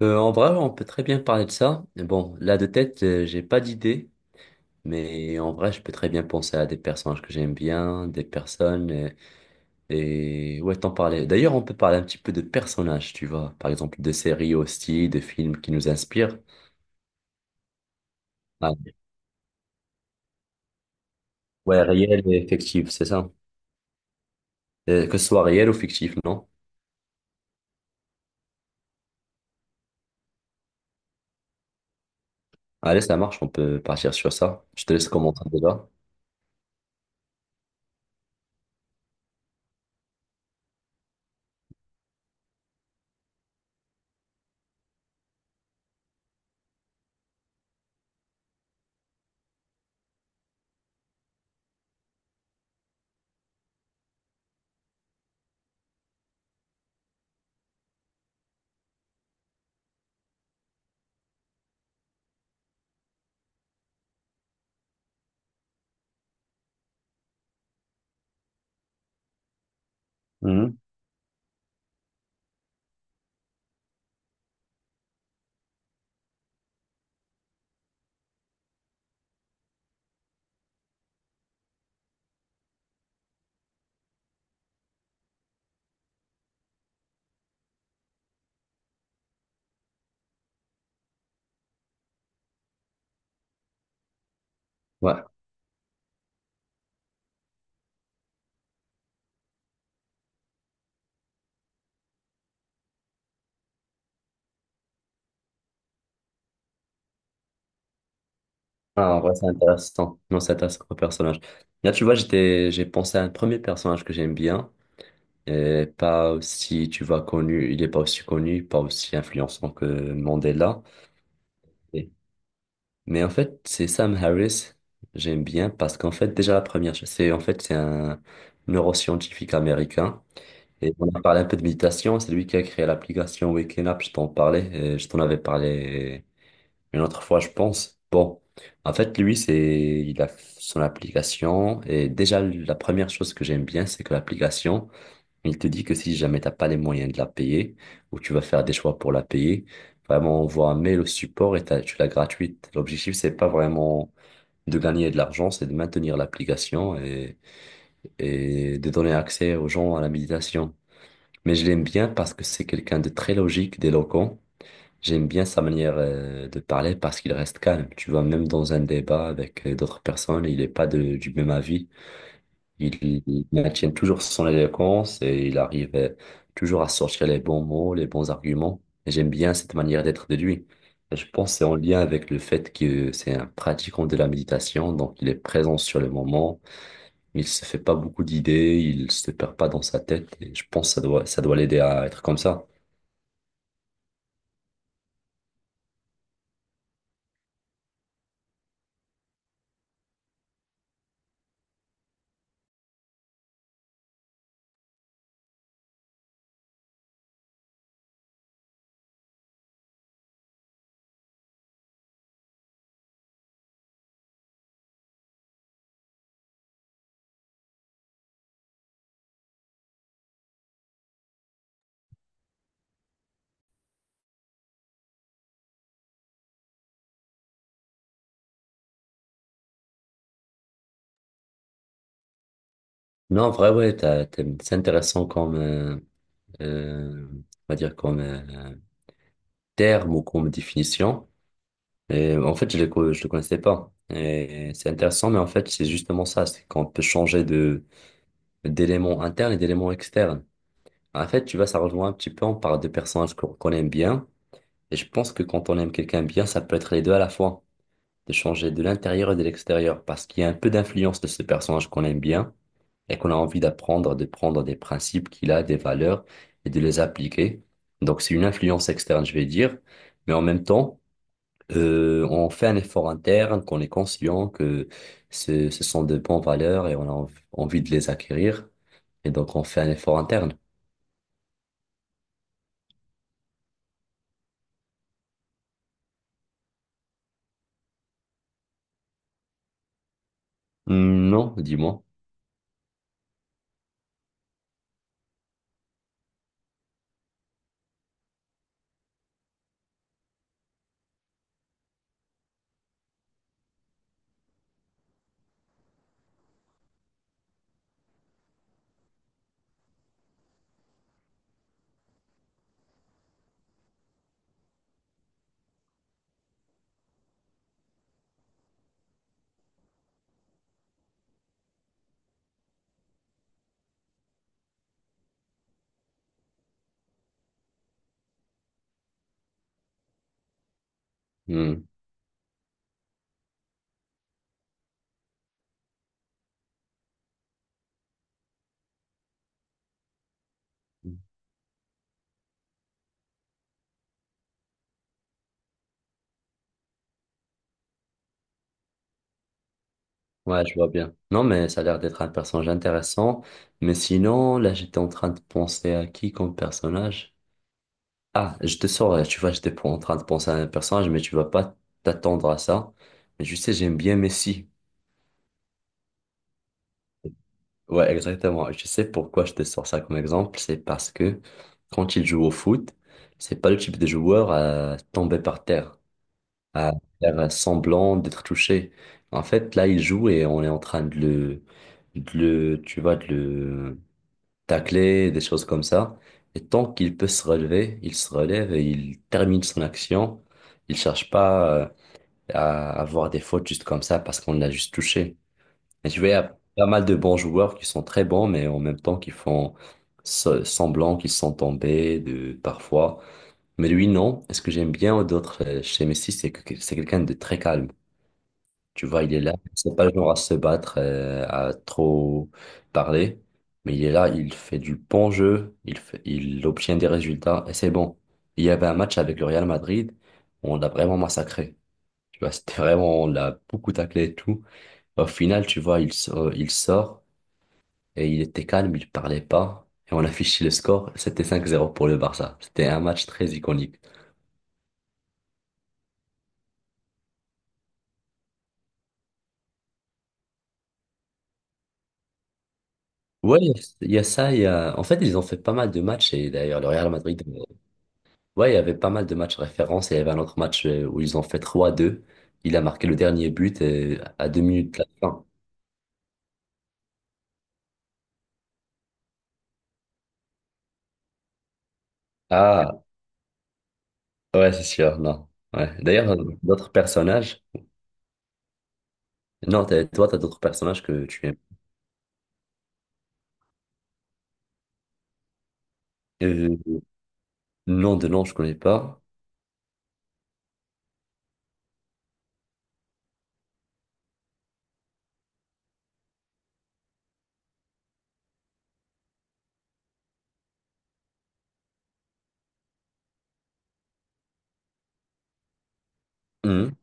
En vrai, on peut très bien parler de ça. Mais bon, là de tête, j'ai pas d'idée, mais en vrai, je peux très bien penser à des personnages que j'aime bien, des personnes, et ouais, t'en parler. D'ailleurs, on peut parler un petit peu de personnages, tu vois, par exemple, de séries aussi, de films qui nous inspirent. Ah, ouais, réel et fictif, c'est ça. Que ce soit réel ou fictif, non? Allez, ça marche, on peut partir sur ça. Je te laisse commenter déjà. Mhm. Ouais. Ah, en vrai, c'est intéressant. Non, c'est intéressant comme personnage. Là, tu vois, j'ai pensé à un premier personnage que j'aime bien, et pas aussi, tu vois, connu. Il est pas aussi connu, pas aussi influençant que Mandela. Et- Mais en fait, c'est Sam Harris. J'aime bien parce qu'en fait, déjà la première chose, c'est en fait, c'est un neuroscientifique américain. Et on a parlé un peu de méditation. C'est lui qui a créé l'application Waking Up. Je t'en parlais, et je t'en avais parlé une autre fois, je pense. Bon, en fait, lui, c'est, il a son application et déjà, la première chose que j'aime bien, c'est que l'application, il te dit que si jamais t'as pas les moyens de la payer ou tu vas faire des choix pour la payer, vraiment, on voit un mail au support et tu l'as gratuite. L'objectif, c'est pas vraiment de gagner de l'argent, c'est de maintenir l'application et de donner accès aux gens à la méditation. Mais je l'aime bien parce que c'est quelqu'un de très logique, d'éloquent. J'aime bien sa manière de parler parce qu'il reste calme. Tu vois, même dans un débat avec d'autres personnes, il n'est pas de- du même avis. Il maintient toujours son éloquence et il arrive toujours à sortir les bons mots, les bons arguments. Et j'aime bien cette manière d'être de lui. Et je pense que c'est en lien avec le fait que c'est un pratiquant de la méditation, donc il est présent sur le moment. Il se fait pas beaucoup d'idées, il se perd pas dans sa tête. Et je pense que ça doit l'aider à être comme ça. Non, en vrai, ouais, c'est intéressant comme, on va dire comme terme ou comme définition. Et en fait, je le connaissais pas. Et c'est intéressant, mais en fait, c'est justement ça, c'est qu'on peut changer de d'éléments internes et d'éléments externes. En fait, tu vois, ça rejoint un petit peu, on parle de personnages qu'on aime bien. Et je pense que quand on aime quelqu'un bien, ça peut être les deux à la fois. De changer de l'intérieur et de l'extérieur, parce qu'il y a un peu d'influence de ce personnage qu'on aime bien et qu'on a envie d'apprendre, de prendre des principes qu'il a, des valeurs, et de les appliquer. Donc c'est une influence externe, je vais dire, mais en même temps, on fait un effort interne, qu'on est conscient que ce sont de bonnes valeurs et on a envie de les acquérir, et donc on fait un effort interne. Hmm, non, dis-moi. Hmm. Ouais, je vois bien. Non, mais ça a l'air d'être un personnage intéressant. Mais sinon, là, j'étais en train de penser à qui comme personnage? Ah, je te sors, tu vois, j'étais pas en train de penser à un personnage, mais tu vas pas t'attendre à ça. Mais tu sais, j'aime bien Messi. Ouais, exactement. Je sais pourquoi je te sors ça comme exemple. C'est parce que quand il joue au foot, c'est pas le type de joueur à tomber par terre, à faire semblant d'être touché. En fait, là, il joue et on est en train de le tacler, des choses comme ça. Et tant qu'il peut se relever, il se relève et il termine son action. Il cherche pas à avoir des fautes juste comme ça parce qu'on l'a juste touché. Et tu vois, il y a pas mal de bons joueurs qui sont très bons, mais en même temps qui font semblant qu'ils sont tombés de, parfois. Mais lui, non. Et ce que j'aime bien d'autres chez Messi, c'est que c'est quelqu'un de très calme. Tu vois, il est là. C'est pas le genre à se battre, à trop parler, mais il est là, il fait du bon jeu, il obtient des résultats et c'est bon. Il y avait un match avec le Real Madrid, on l'a vraiment massacré. Tu vois, c'était vraiment, on l'a beaucoup taclé et tout. Au final, tu vois, il sort et il était calme, il parlait pas et on affichait le score. C'était 5-0 pour le Barça. C'était un match très iconique. Ouais, il y a ça, il y a... En fait, ils ont fait pas mal de matchs et d'ailleurs, le Real Madrid. Ouais, il y avait pas mal de matchs références. Il y avait un autre match où ils ont fait trois deux. Il a marqué le dernier but à deux minutes de la fin. Ah, ouais, c'est sûr, non. Ouais. D'ailleurs, d'autres personnages. Non, toi, t'as d'autres personnages que tu aimes. Euh, Nom de nom, je connais pas. Hum.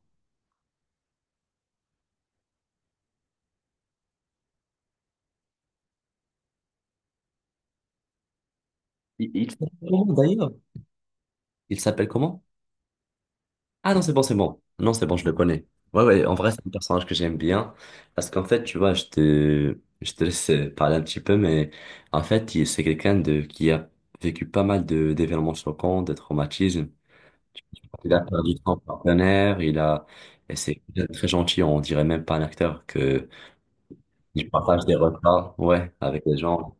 Il s'appelle comment d'ailleurs? Il s'appelle comment? Ah non, c'est bon, c'est bon. Non, c'est bon, je le connais. Ouais, ouais, en vrai, c'est un personnage que j'aime bien. Parce qu'en fait, tu vois, je te laisse parler un petit peu, mais en fait, c'est quelqu'un de, qui a vécu pas mal d'événements choquants, de traumatismes. Il a perdu son partenaire, et c'est quelqu'un de très gentil, on dirait même pas un acteur que il partage des repas, ouais, avec les gens.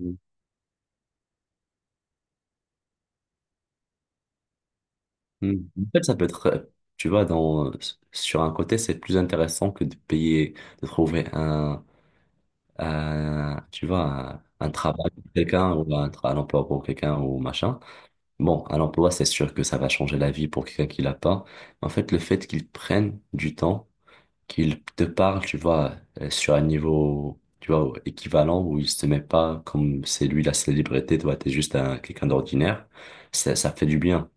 Mm. Mm. En fait, ça peut être, tu vois, dans, sur un côté, c'est plus intéressant que de payer, de trouver un, tu vois, un mhm travail pour quelqu'un ou un emploi pour quelqu'un ou machin. Bon, un emploi, c'est sûr que ça va changer la vie pour quelqu'un qui l'a pas. En fait, le fait qu'ils prennent du temps, qu'ils te parlent tu vois, sur un niveau, tu vois, équivalent où ils se met pas comme c'est lui la célébrité, toi, t'es juste un, quelqu'un d'ordinaire, ça fait du bien.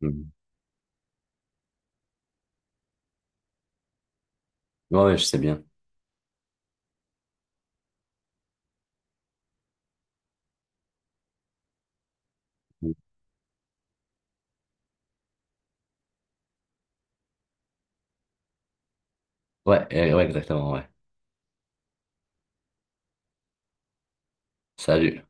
Mhm. Ouais, ouais, je sais bien. Ouais, ouais, exactement, ouais. Salut.